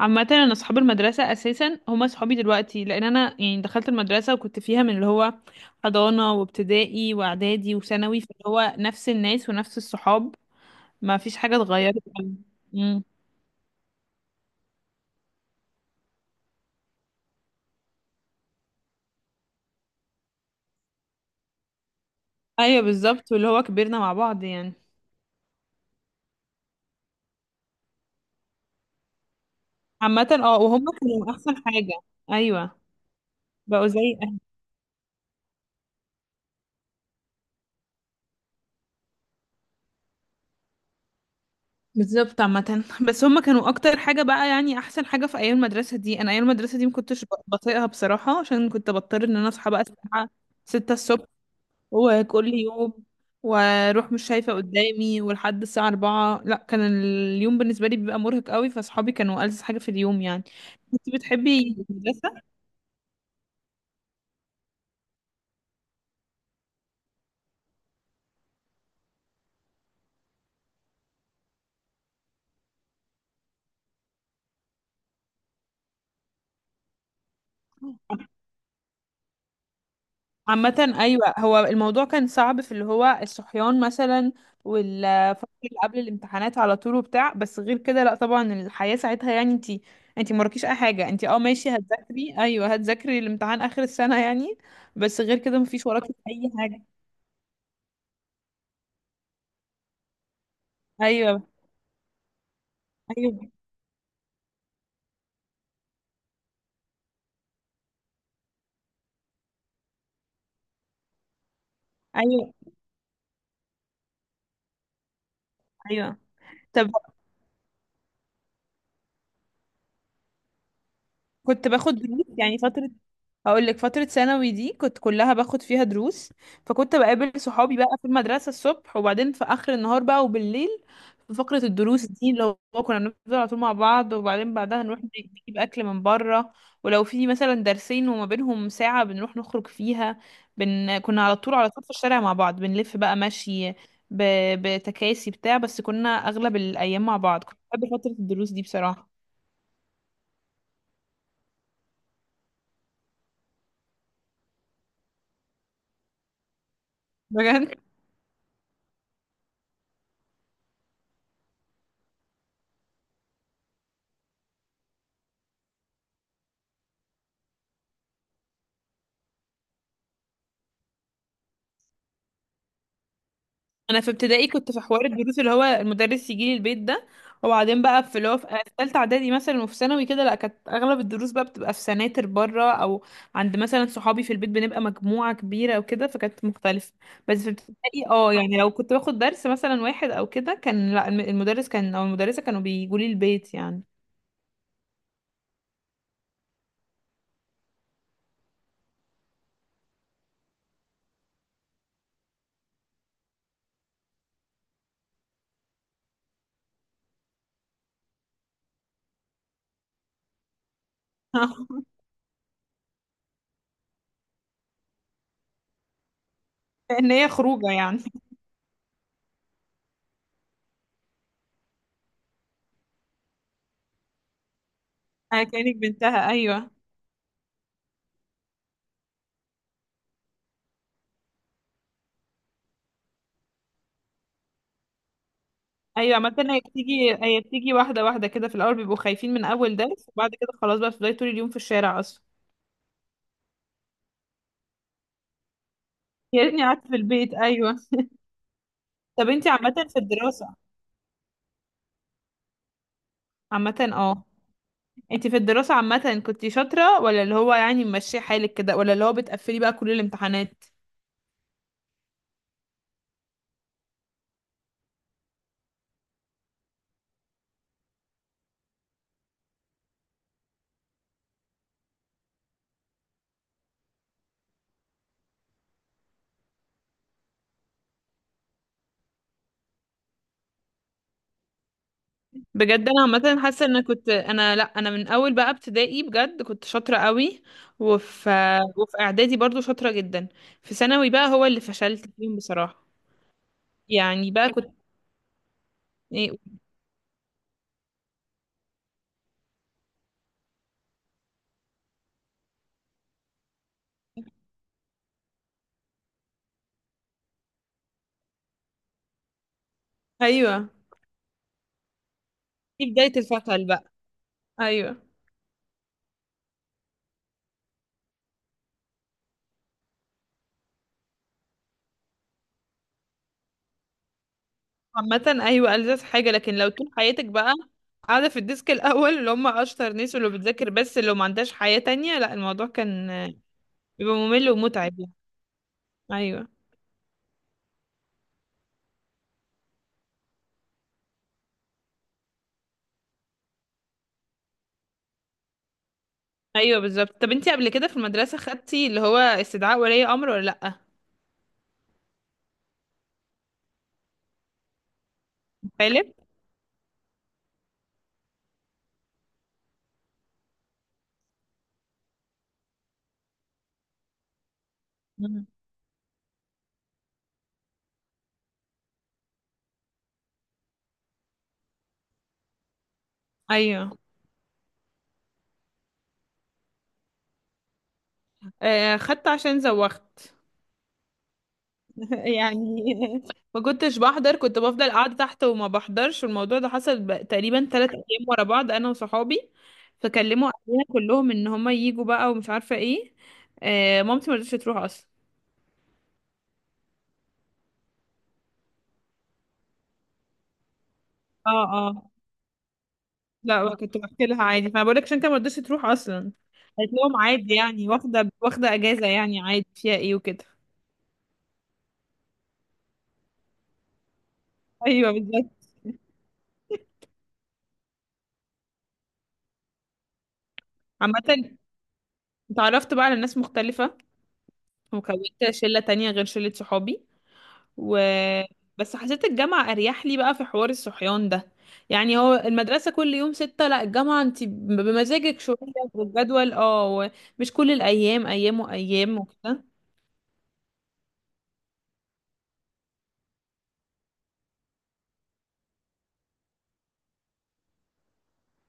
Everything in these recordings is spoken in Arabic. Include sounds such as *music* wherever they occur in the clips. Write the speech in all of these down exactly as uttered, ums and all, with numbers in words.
عامة انا اصحاب المدرسة اساسا هما صحابي دلوقتي، لان انا يعني دخلت المدرسة وكنت فيها من اللي هو حضانة وابتدائي واعدادي وثانوي، فاللي هو نفس الناس ونفس الصحاب. ما فيش حاجة اتغيرت. امم. ايوه بالظبط، واللي هو كبرنا مع بعض يعني. عامة اه، وهم كانوا احسن حاجة. ايوه، بقوا زي اهل. بالظبط. عامة بس هم كانوا اكتر حاجة بقى، يعني احسن حاجة في ايام المدرسة دي. انا ايام المدرسة دي ما كنتش ب- بطيقها بصراحة، عشان كنت بضطر ان انا اصحى بقى الساعة ستة الصبح، وكل يوم واروح مش شايفة قدامي، ولحد الساعة أربعة. لا، كان اليوم بالنسبة لي بيبقى مرهق قوي، فصحابي كانوا ألذ حاجة في اليوم يعني. كنت بتحبي المدرسة؟ عامة أيوة، هو الموضوع كان صعب في اللي هو الصحيان مثلا، والفترة اللي قبل الامتحانات على طول وبتاع، بس غير كده لا طبعا الحياة ساعتها، يعني انتي انتي مراكيش أي حاجة، انتي اه ماشي هتذاكري، أيوة هتذاكري الامتحان آخر السنة يعني، بس غير كده مفيش وراكي أي حاجة. أيوة. أيوة. أيوة. أيوة. طب كنت باخد دروس يعني فترة. هقول لك فترة ثانوي دي كنت كلها باخد فيها دروس، فكنت بقابل صحابي بقى في المدرسة الصبح، وبعدين في آخر النهار بقى وبالليل في فقرة الدروس دي. اللي هو كنا بنفضل على طول مع بعض، وبعدين بعدها نروح نجيب أكل من بره، ولو في مثلا درسين وما بينهم ساعة بنروح نخرج فيها. بن... كنا على طول على طول في الشارع مع بعض، بنلف بقى مشي، ب... بتكاسي بتاع. بس كنا أغلب الأيام مع بعض، كنت بحب فترة الدروس دي بصراحة. بجد. انا في ابتدائي كنت في حوار الدروس اللي هو المدرس يجي لي البيت ده، وبعدين بقى في اللي هو في ثالثه اعدادي مثلا وفي ثانوي كده، لا كانت اغلب الدروس بقى بتبقى في سناتر بره، او عند مثلا صحابي في البيت بنبقى مجموعه كبيره وكده، فكانت مختلفه. بس في ابتدائي اه، يعني لو كنت باخد درس مثلا واحد او كده، كان لا الم- المدرس كان او المدرسه كانوا بيجوا لي البيت يعني. *laughs* ان هي خروجه يعني. *laughs* كانك بنتها، ايوه، ايوه. عامة هي بتيجي، هي بتيجي واحدة واحدة كده. في الأول بيبقوا خايفين من أول درس، وبعد كده خلاص بقى بتفضلي طول اليوم في الشارع أصلا. يا ريتني قعدت في البيت، أيوه. *laughs* طب انتي عامة في الدراسة. عامة اه، انتي في الدراسة عامة كنتي شاطرة، ولا اللي هو يعني ماشية حالك كده، ولا اللي هو بتقفلي بقى كل الامتحانات؟ بجد. انا عامة حاسة ان كنت انا، لا انا من اول بقى ابتدائي بجد كنت شاطرة قوي، وفي وفي اعدادي برضو شاطرة جدا. في ثانوي بقى هو اللي فشلت فيهم بصراحة، يعني بقى كنت ايه. ايوه، دي بداية الفشل بقى. ايوه. عامة ايوه، ألذ حاجة، لكن لو طول حياتك بقى قاعدة في الديسك الأول اللي هم أشطر ناس واللي بتذاكر بس اللي ما عندهاش حياة تانية، لا الموضوع كان بيبقى ممل ومتعب يعني. أيوه. أيوه بالظبط. طب انتي قبل كده في المدرسة خدتي اللي هو استدعاء ولي أمر ولا لأ؟ غالب؟ مم. أيوه. آه خدت عشان زوغت. *laughs* يعني ما كنتش بحضر، كنت بفضل قاعدة تحت وما بحضرش، والموضوع ده حصل ب- تقريبا ثلاث *laughs* أيام ورا بعض أنا وصحابي، فكلموا أهلنا كلهم إن هما ييجوا بقى ومش عارفة إيه. آه مامتي ما رضتش تروح أصلا. اه. اه. لا كنت بحكي لها عادي، فأنا بقول لك عشان أنت ما رضتش تروح أصلا. قالت لهم عادي يعني، واخدة واخدة أجازة يعني، عادي فيها إيه وكده. أيوه بالظبط. عامة اتعرفت بقى على ناس مختلفة، وكونت شلة تانية غير شلة صحابي. و بس حسيت الجامعة أريح لي بقى في حوار الصحيان ده. يعني هو المدرسة كل يوم ستة، لا الجامعة انت بمزاجك شوية، والجدول اه مش كل الأيام، أيام وأيام وكده.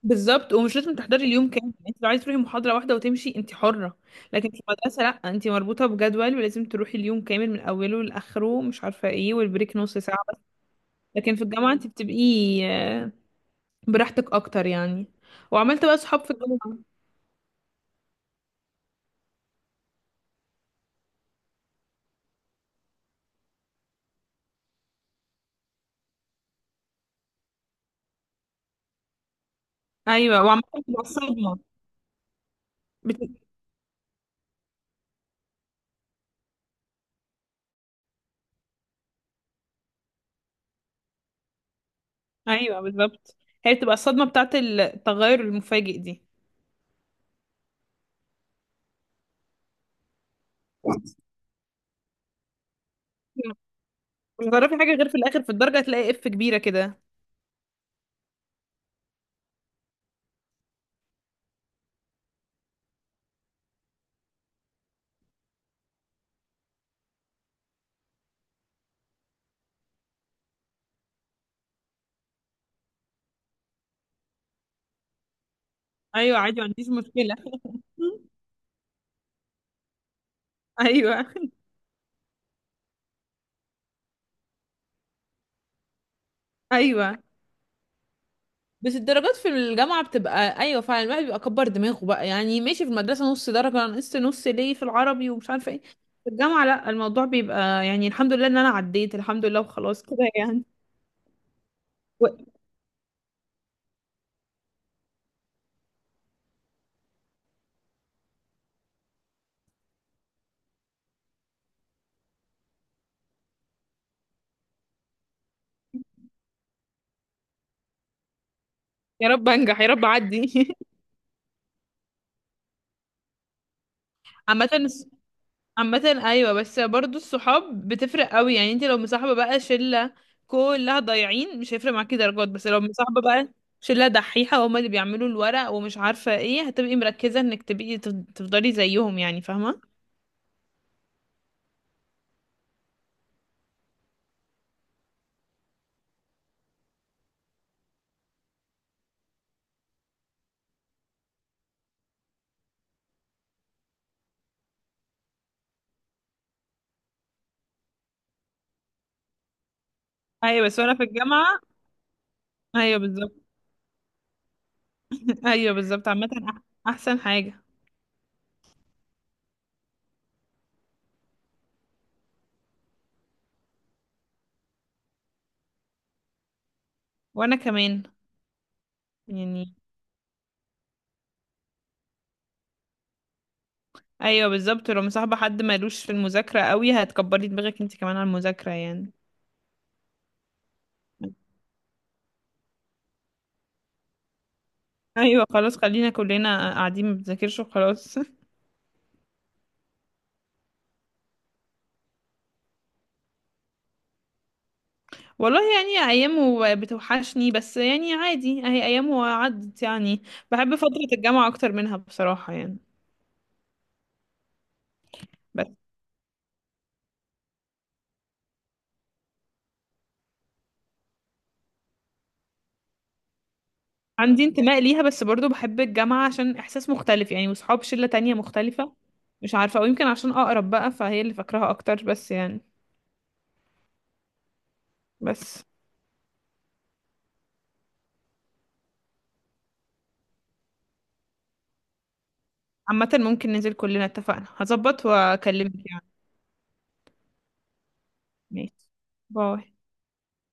بالظبط، ومش لازم تحضري اليوم كامل يعني، انت لو عايزة تروحي محاضرة واحدة وتمشي انت حرة. لكن في المدرسة لا، انت مربوطة بجدول ولازم تروحي اليوم كامل من أوله لآخره، مش عارفة ايه، والبريك نص ساعة بس. لكن في الجامعة انت بتبقي آه، براحتك أكتر يعني. وعملت بقى صحاب في الجامعة. أيوة. وعملت بقى صدمة. ايوه بالظبط، هي بتبقى الصدمه بتاعت التغير المفاجئ دي. لما تعرفي حاجه غير في الاخر في الدرجه هتلاقي اف كبيره كده. ايوه عادي، ما عنديش مشكله. *laughs* ايوه، ايوه. بس الدرجات في الجامعه بتبقى، ايوه فعلا الواحد بيبقى كبر دماغه بقى. يعني ماشي في المدرسه نص درجه انا نقصت نص ليه في العربي ومش عارفه ايه. في الجامعه لا، الموضوع بيبقى يعني الحمد لله ان انا عديت، الحمد لله وخلاص كده يعني. و- يا رب انجح، يا رب اعدي. *laughs* عامه عامة ايوه، بس برضو الصحاب بتفرق قوي. يعني انت لو مصاحبة بقى شلة كلها ضايعين مش هيفرق معاكي درجات، بس لو مصاحبة بقى شلة دحيحة هما اللي بيعملوا الورق ومش عارفة ايه، هتبقي مركزة انك تبقي تف- تفضلي زيهم يعني، فاهمة. ايوه. بس وانا في الجامعة، ايوه بالظبط. *laughs* ايوه بالظبط. عامة أح- احسن حاجة. وانا كمان يعني، ايوه بالظبط، لو مصاحبة حد مالوش في المذاكرة قوي هتكبري دماغك انت كمان على المذاكرة يعني. ايوه خلاص، خلينا كلنا قاعدين ما بنذاكرش وخلاص. والله يعني ايامه بتوحشني، بس يعني عادي، اهي ايامه عدت يعني. بحب فترة الجامعة اكتر منها بصراحة يعني. بس عندي انتماء ليها، بس برضو بحب الجامعة عشان احساس مختلف يعني، وصحاب شلة تانية مختلفة. مش عارفة، او يمكن عشان اقرب بقى فهي اللي فاكراها اكتر بس يعني. بس عامة ممكن ننزل كلنا، اتفقنا، هظبط واكلمك يعني. ماشي. باي.